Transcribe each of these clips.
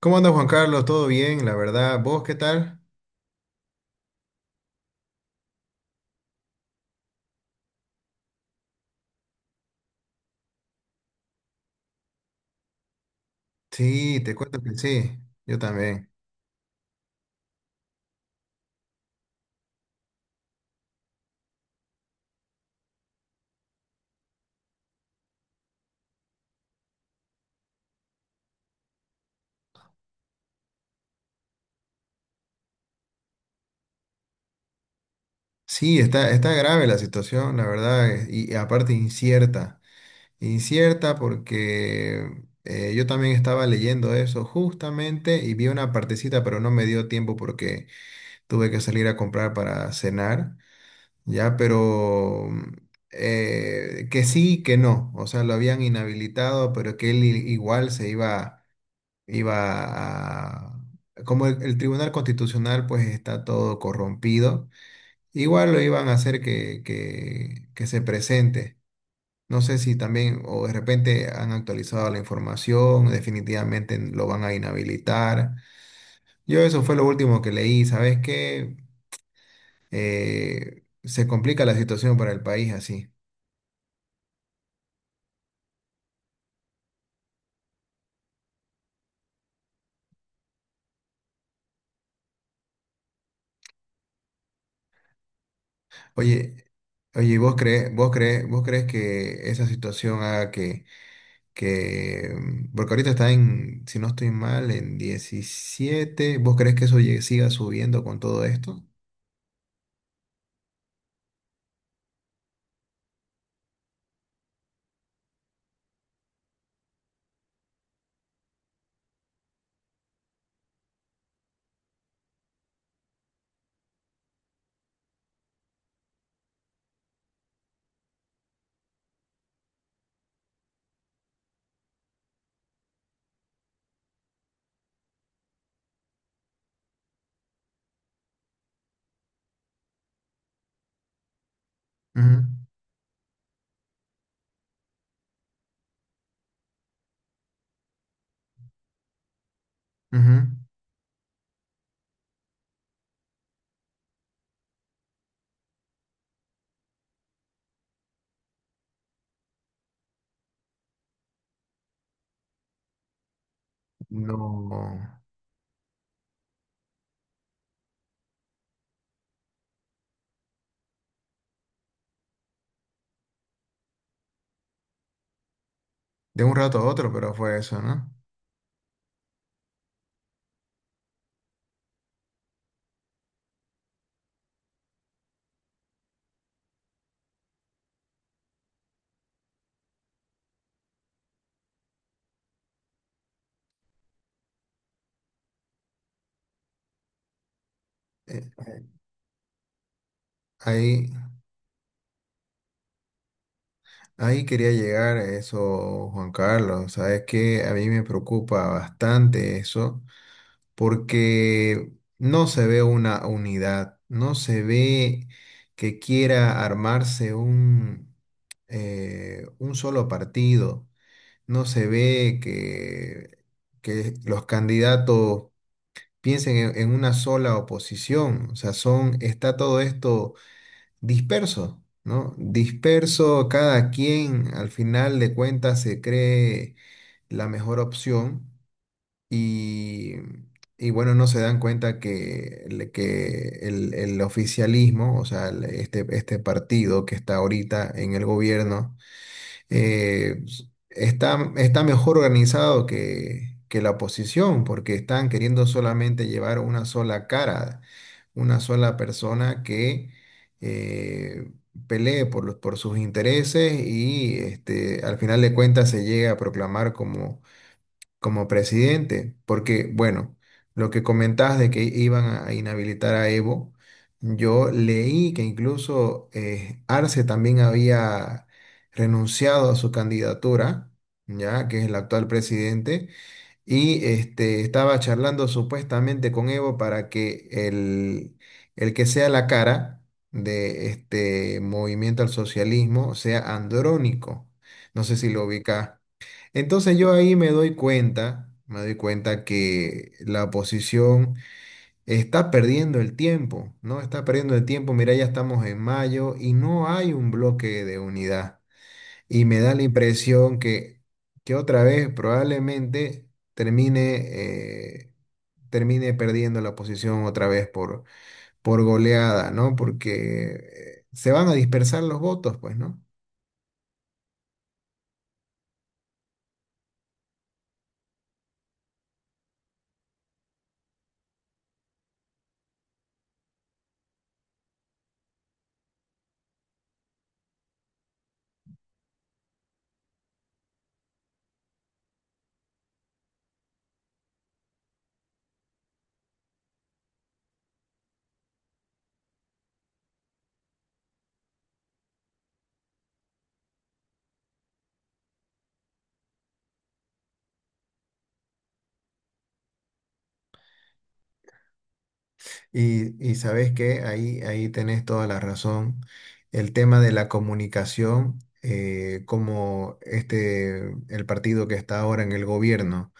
¿Cómo anda Juan Carlos? ¿Todo bien? La verdad, ¿vos qué tal? Sí, te cuento que sí, yo también. Sí, está grave la situación, la verdad, y, aparte incierta. Incierta porque yo también estaba leyendo eso justamente y vi una partecita, pero no me dio tiempo porque tuve que salir a comprar para cenar, ya, pero que sí, que no. O sea, lo habían inhabilitado, pero que él igual se iba a. Como el Tribunal Constitucional pues está todo corrompido, igual lo iban a hacer que se presente. No sé si también o de repente han actualizado la información, definitivamente lo van a inhabilitar. Yo eso fue lo último que leí, ¿sabes qué? Se complica la situación para el país así. Oye, oye, ¿vos crees que esa situación haga que, porque ahorita está en, si no estoy mal, en 17? ¿Vos crees que eso siga subiendo con todo esto? Ujú, ujú. No, de un rato a otro, pero fue eso, ¿no? Eh, eh, ahí, ahí quería llegar a eso, Juan Carlos. Sabes que a mí me preocupa bastante eso, porque no se ve una unidad, no se ve que quiera armarse un solo partido, no se ve que los candidatos piensen en una sola oposición, o sea, está todo esto disperso, ¿no? Disperso, cada quien al final de cuentas se cree la mejor opción y, y bueno, no se dan cuenta que el oficialismo, o sea, este partido que está ahorita en el gobierno, eh, está mejor organizado que la oposición, porque están queriendo solamente llevar una sola cara, una sola persona que eh, pelee por sus intereses y este, al final de cuentas se llega a proclamar como presidente, porque, bueno, lo que comentabas de que iban a inhabilitar a Evo, yo leí que incluso Arce también había renunciado a su candidatura, ya que es el actual presidente, y este, estaba charlando supuestamente con Evo para que el que sea la cara de este movimiento al socialismo sea Andrónico. No sé si lo ubica. Entonces yo ahí me doy cuenta que la oposición está perdiendo el tiempo, ¿no? Está perdiendo el tiempo, mira, ya estamos en mayo y no hay un bloque de unidad. Y me da la impresión que otra vez probablemente termine, eh, termine perdiendo la oposición otra vez por goleada, ¿no? Porque se van a dispersar los votos, pues, ¿no? Y sabes que ahí tenés toda la razón. El tema de la comunicación, como este, el partido que está ahora en el gobierno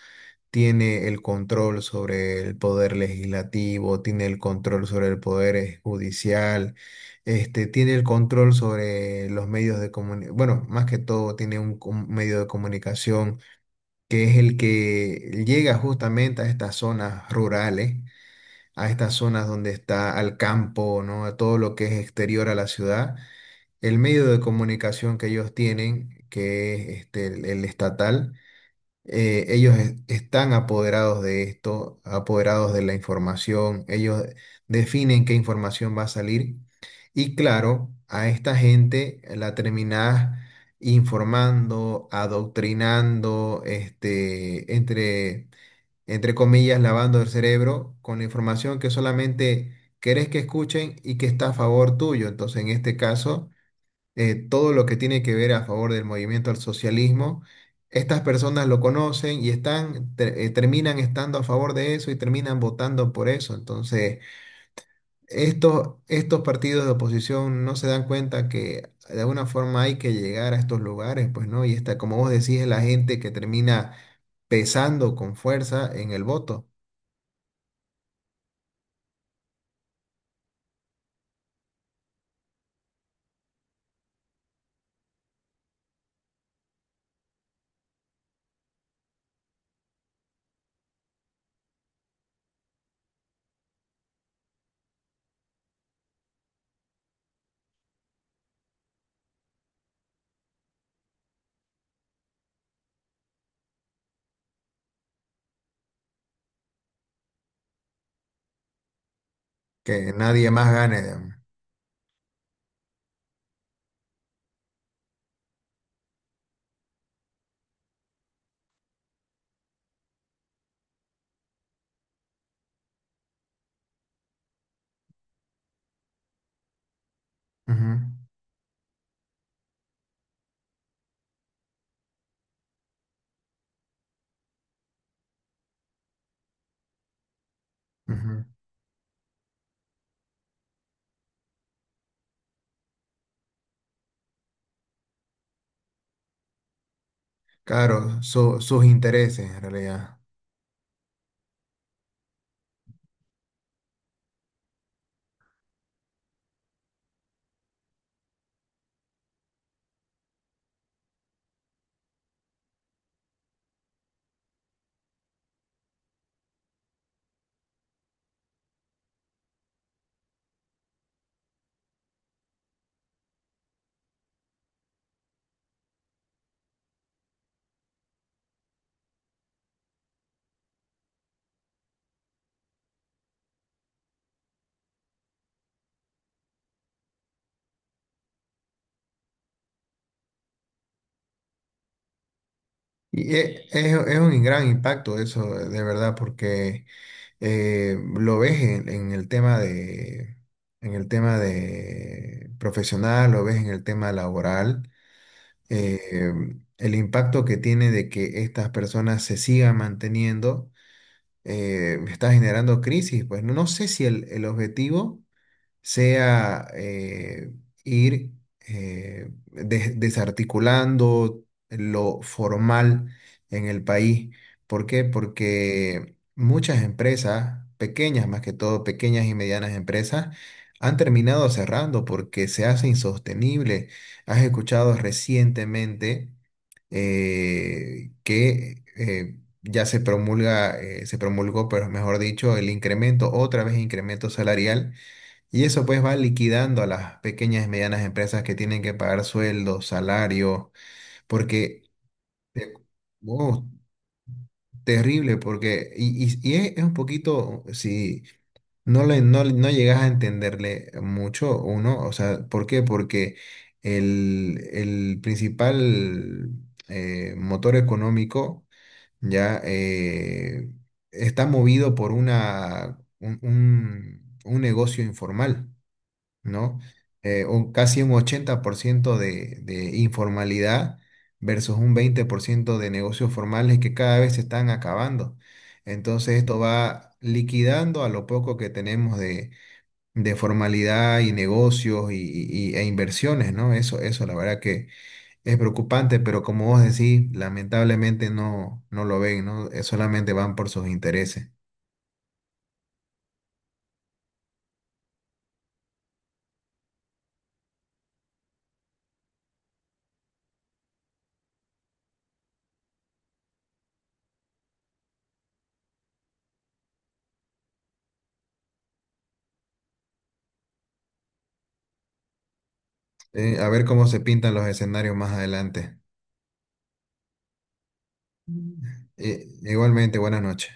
tiene el control sobre el poder legislativo, tiene el control sobre el poder judicial, este, tiene el control sobre los medios de comunicación, bueno, más que todo tiene un medio de comunicación que es el que llega justamente a estas zonas rurales a estas zonas donde está al campo, ¿no? A todo lo que es exterior a la ciudad. El medio de comunicación que ellos tienen, que es este, el estatal, ellos están apoderados de esto, apoderados de la información, ellos definen qué información va a salir. Y claro, a esta gente la terminás informando, adoctrinando, este, entre comillas, lavando el cerebro con la información que solamente querés que escuchen y que está a favor tuyo. Entonces, en este caso, todo lo que tiene que ver a favor del movimiento al socialismo, estas personas lo conocen y terminan estando a favor de eso y terminan votando por eso. Entonces, estos partidos de oposición no se dan cuenta que de alguna forma hay que llegar a estos lugares, pues, ¿no? Y esta, como vos decís, es la gente que termina pesando con fuerza en el voto. Que nadie más gane, digamos. Ujú, ujú. Claro, sus intereses en realidad. Y es un gran impacto eso, de verdad, porque lo ves en el tema de, en el tema de profesional, lo ves en el tema laboral, eh, el impacto que tiene de que estas personas se sigan manteniendo está generando crisis. Pues no, no sé si el objetivo sea ir desarticulando lo formal en el país. ¿Por qué? Porque muchas empresas, pequeñas más que todo, pequeñas y medianas empresas, han terminado cerrando porque se hace insostenible. Has escuchado recientemente que ya se promulga, se promulgó, pero mejor dicho, el incremento, otra vez incremento salarial y eso pues va liquidando a las pequeñas y medianas empresas que tienen que pagar sueldos, salarios, porque eh, oh, terrible, porque es un poquito, si no, no llegas a entenderle mucho uno, o sea, ¿por qué? Porque el principal motor económico ya está movido por un negocio informal. ¿No? Casi un 80% de informalidad versus un 20% de negocios formales que cada vez se están acabando. Entonces esto va liquidando a lo poco que tenemos de formalidad y negocios e inversiones, ¿no? Eso la verdad que es preocupante, pero como vos decís, lamentablemente no lo ven, ¿no? Solamente van por sus intereses. A ver cómo se pintan los escenarios más adelante. Mm. Igualmente, buenas noches.